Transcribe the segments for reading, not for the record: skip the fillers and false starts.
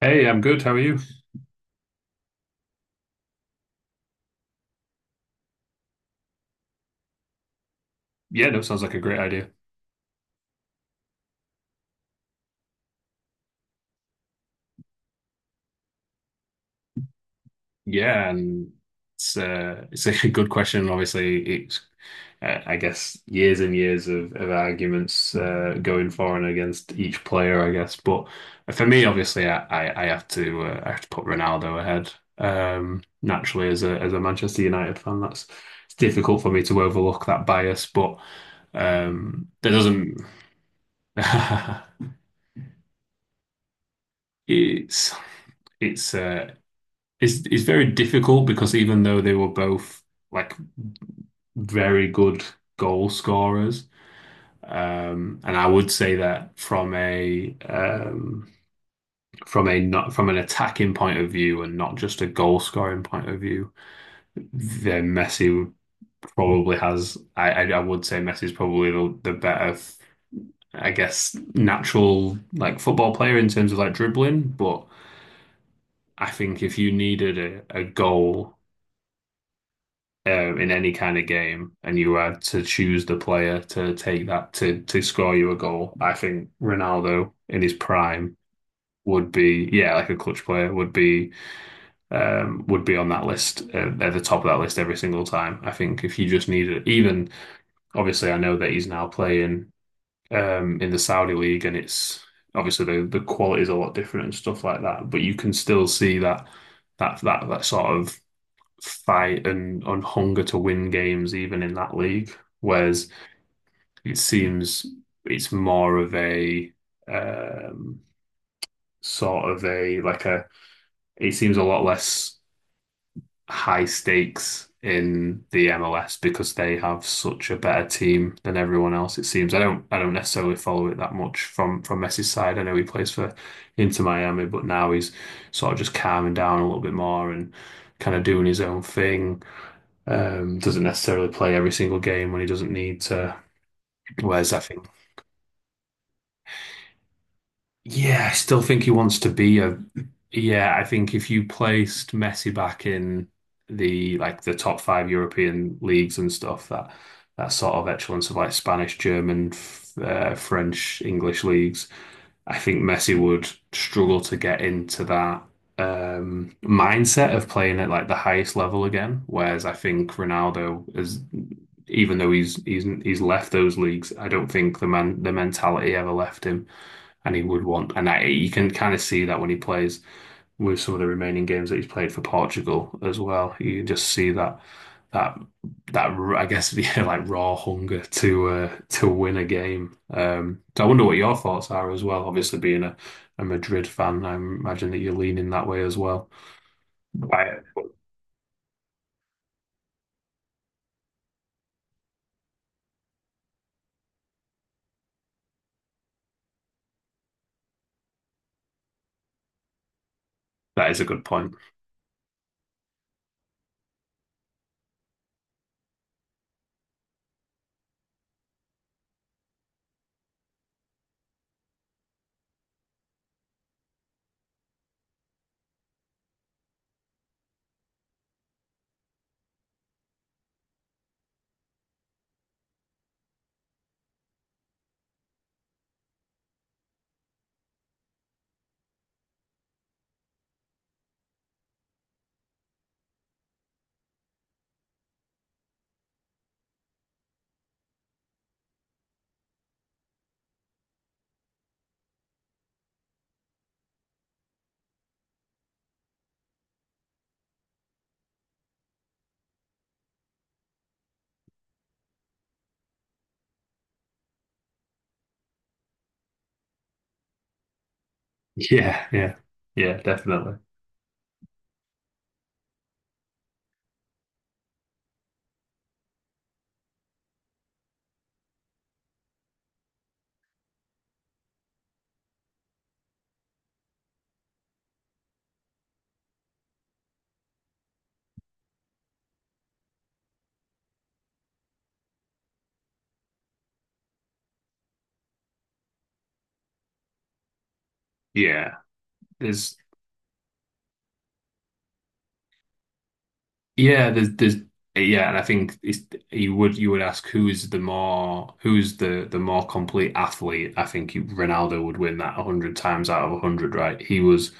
Hey, I'm good. How are you? Yeah, no, sounds like a great idea. Yeah, and it's a good question. Obviously, it's I guess years and years of arguments going for and against each player, I guess. But for me, obviously, I have to I have to put Ronaldo ahead. Naturally, as a Manchester United fan, that's it's difficult for me to overlook that bias. But that doesn't it's it's uh, it's very difficult because even though they were both like very good goal scorers, and I would say that from a not from an attacking point of view and not just a goal scoring point of view, then Messi probably has. I would say Messi's probably the better, I guess, natural like football player in terms of like dribbling, but. I think if you needed a goal in any kind of game and you had to choose the player to take that to score you a goal, I think Ronaldo in his prime would be, yeah, like a clutch player, would be on that list at the top of that list every single time. I think if you just needed even obviously I know that he's now playing in the Saudi league, and it's obviously the quality is a lot different and stuff like that, but you can still see that that sort of fight and on hunger to win games even in that league. Whereas it seems it's more of a um, sort of a it seems a lot less high stakes in the MLS because they have such a better team than everyone else, it seems. I don't necessarily follow it that much from Messi's side. I know he plays for Inter Miami, but now he's sort of just calming down a little bit more and kind of doing his own thing. Doesn't necessarily play every single game when he doesn't need to. Whereas I think, yeah, I still think he wants to be a. Yeah, I think if you placed Messi back in the top five European leagues and stuff, that that sort of excellence of like Spanish, German, f French, English leagues, I think Messi would struggle to get into that mindset of playing at like the highest level again. Whereas I think Ronaldo is, even though he's left those leagues, I don't think the mentality ever left him, and he would want, and that you can kind of see that when he plays with some of the remaining games that he's played for Portugal as well. You can just see that that I guess yeah, like raw hunger to win a game. So I wonder what your thoughts are as well. Obviously, being a Madrid fan, I imagine that you're leaning that way as well. Right. That is a good point. Yeah, yeah, yeah, definitely. Yeah, there's. there's yeah, and I think it's you would ask who is the more who's the more complete athlete. I think Ronaldo would win that a hundred times out of a hundred, right? He was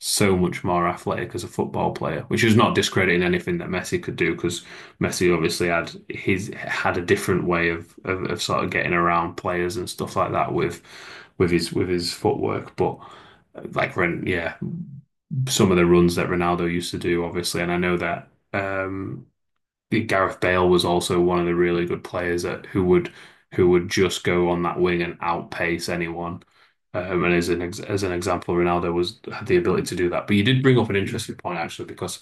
so much more athletic as a football player, which is not discrediting anything that Messi could do because Messi obviously had a different way of sort of getting around players and stuff like that with with his footwork, but yeah, some of the runs that Ronaldo used to do, obviously, and I know that Gareth Bale was also one of the really good players that who would just go on that wing and outpace anyone. And as an ex as an example, Ronaldo was had the ability to do that. But you did bring up an interesting point actually, because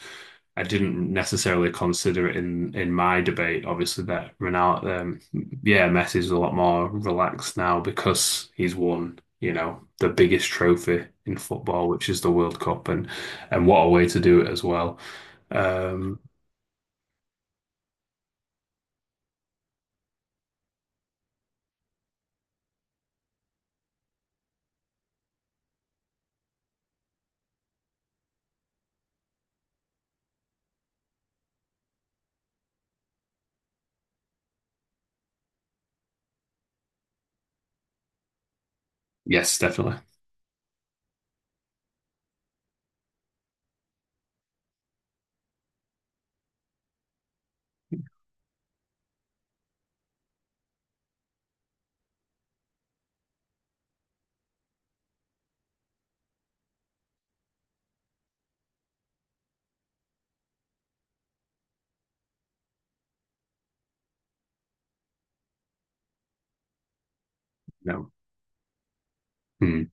I didn't necessarily consider it in my debate. Obviously, that Ronaldo, yeah, Messi's a lot more relaxed now because he's won, you know, the biggest trophy in football, which is the World Cup, and what a way to do it as well. Um, yes, definitely. No. Hmm.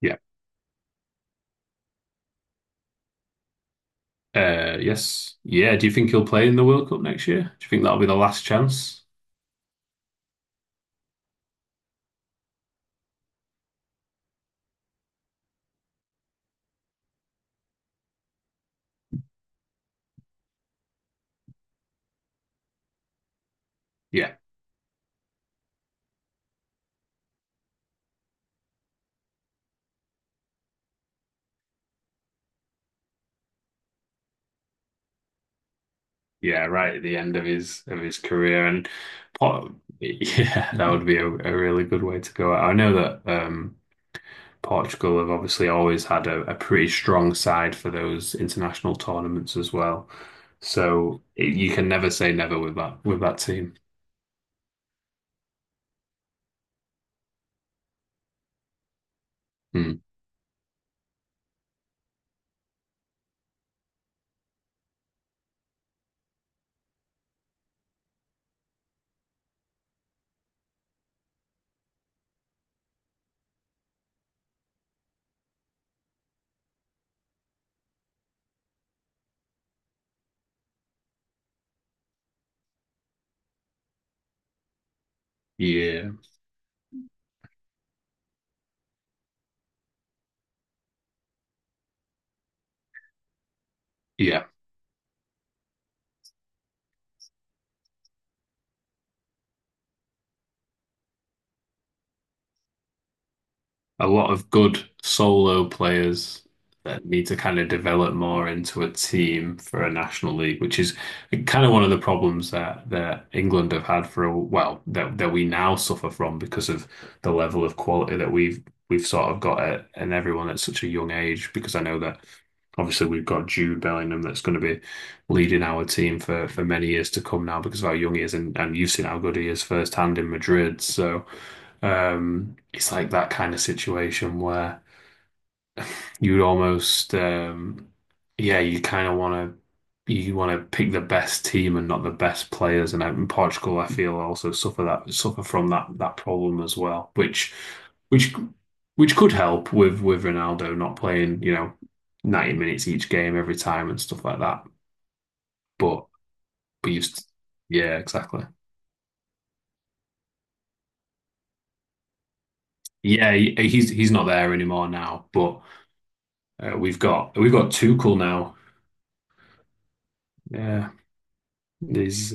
Yeah. Yes. Yeah. Do you think he'll play in the World Cup next year? Do you think that'll be the last chance? Yeah. Yeah. Right at the end of his career, and Por- yeah, that would be a really good way to go. I know that Portugal have obviously always had a pretty strong side for those international tournaments as well. So it, you can never say never with that with that team. Hmm. Yeah. Yeah. A lot of good solo players that need to kind of develop more into a team for a national league, which is kind of one of the problems that England have had for a well that that we now suffer from because of the level of quality that we've sort of got at and everyone at such a young age. Because I know that obviously we've got Jude Bellingham that's going to be leading our team for many years to come now because of how young he is, and you've seen how good he is firsthand in Madrid. So. It's like that kind of situation where you almost, yeah, you kind of want to you want to pick the best team and not the best players. And out in Portugal, I feel also suffer from that problem as well, which which could help with Ronaldo not playing, you know, 90 minutes each game every time and stuff like that. But but you, st- yeah, exactly. He's not there anymore now. But we've got Tuchel now. Yeah. There's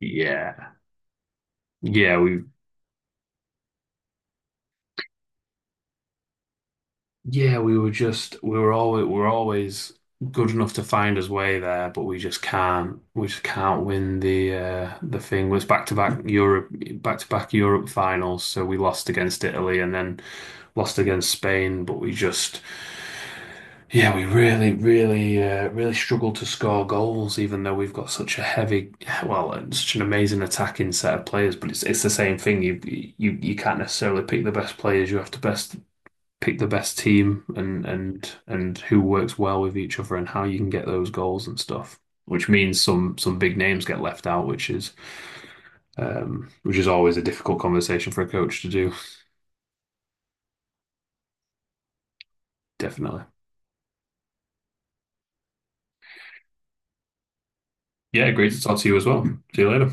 yeah. Yeah, we yeah, we were just we were always we we're always good enough to find his way there, but we just can't win the thing. It was back to back Europe finals, so we lost against Italy and then lost against Spain, but we just yeah, we really, really, really struggle to score goals, even though we've got such a heavy, well, and such an amazing attacking set of players. But it's the same thing. You you can't necessarily pick the best players. You have to best pick the best team and who works well with each other and how you can get those goals and stuff. Which means some big names get left out, which is always a difficult conversation for a coach to do. Definitely. Yeah, great to talk to you as well. See you later.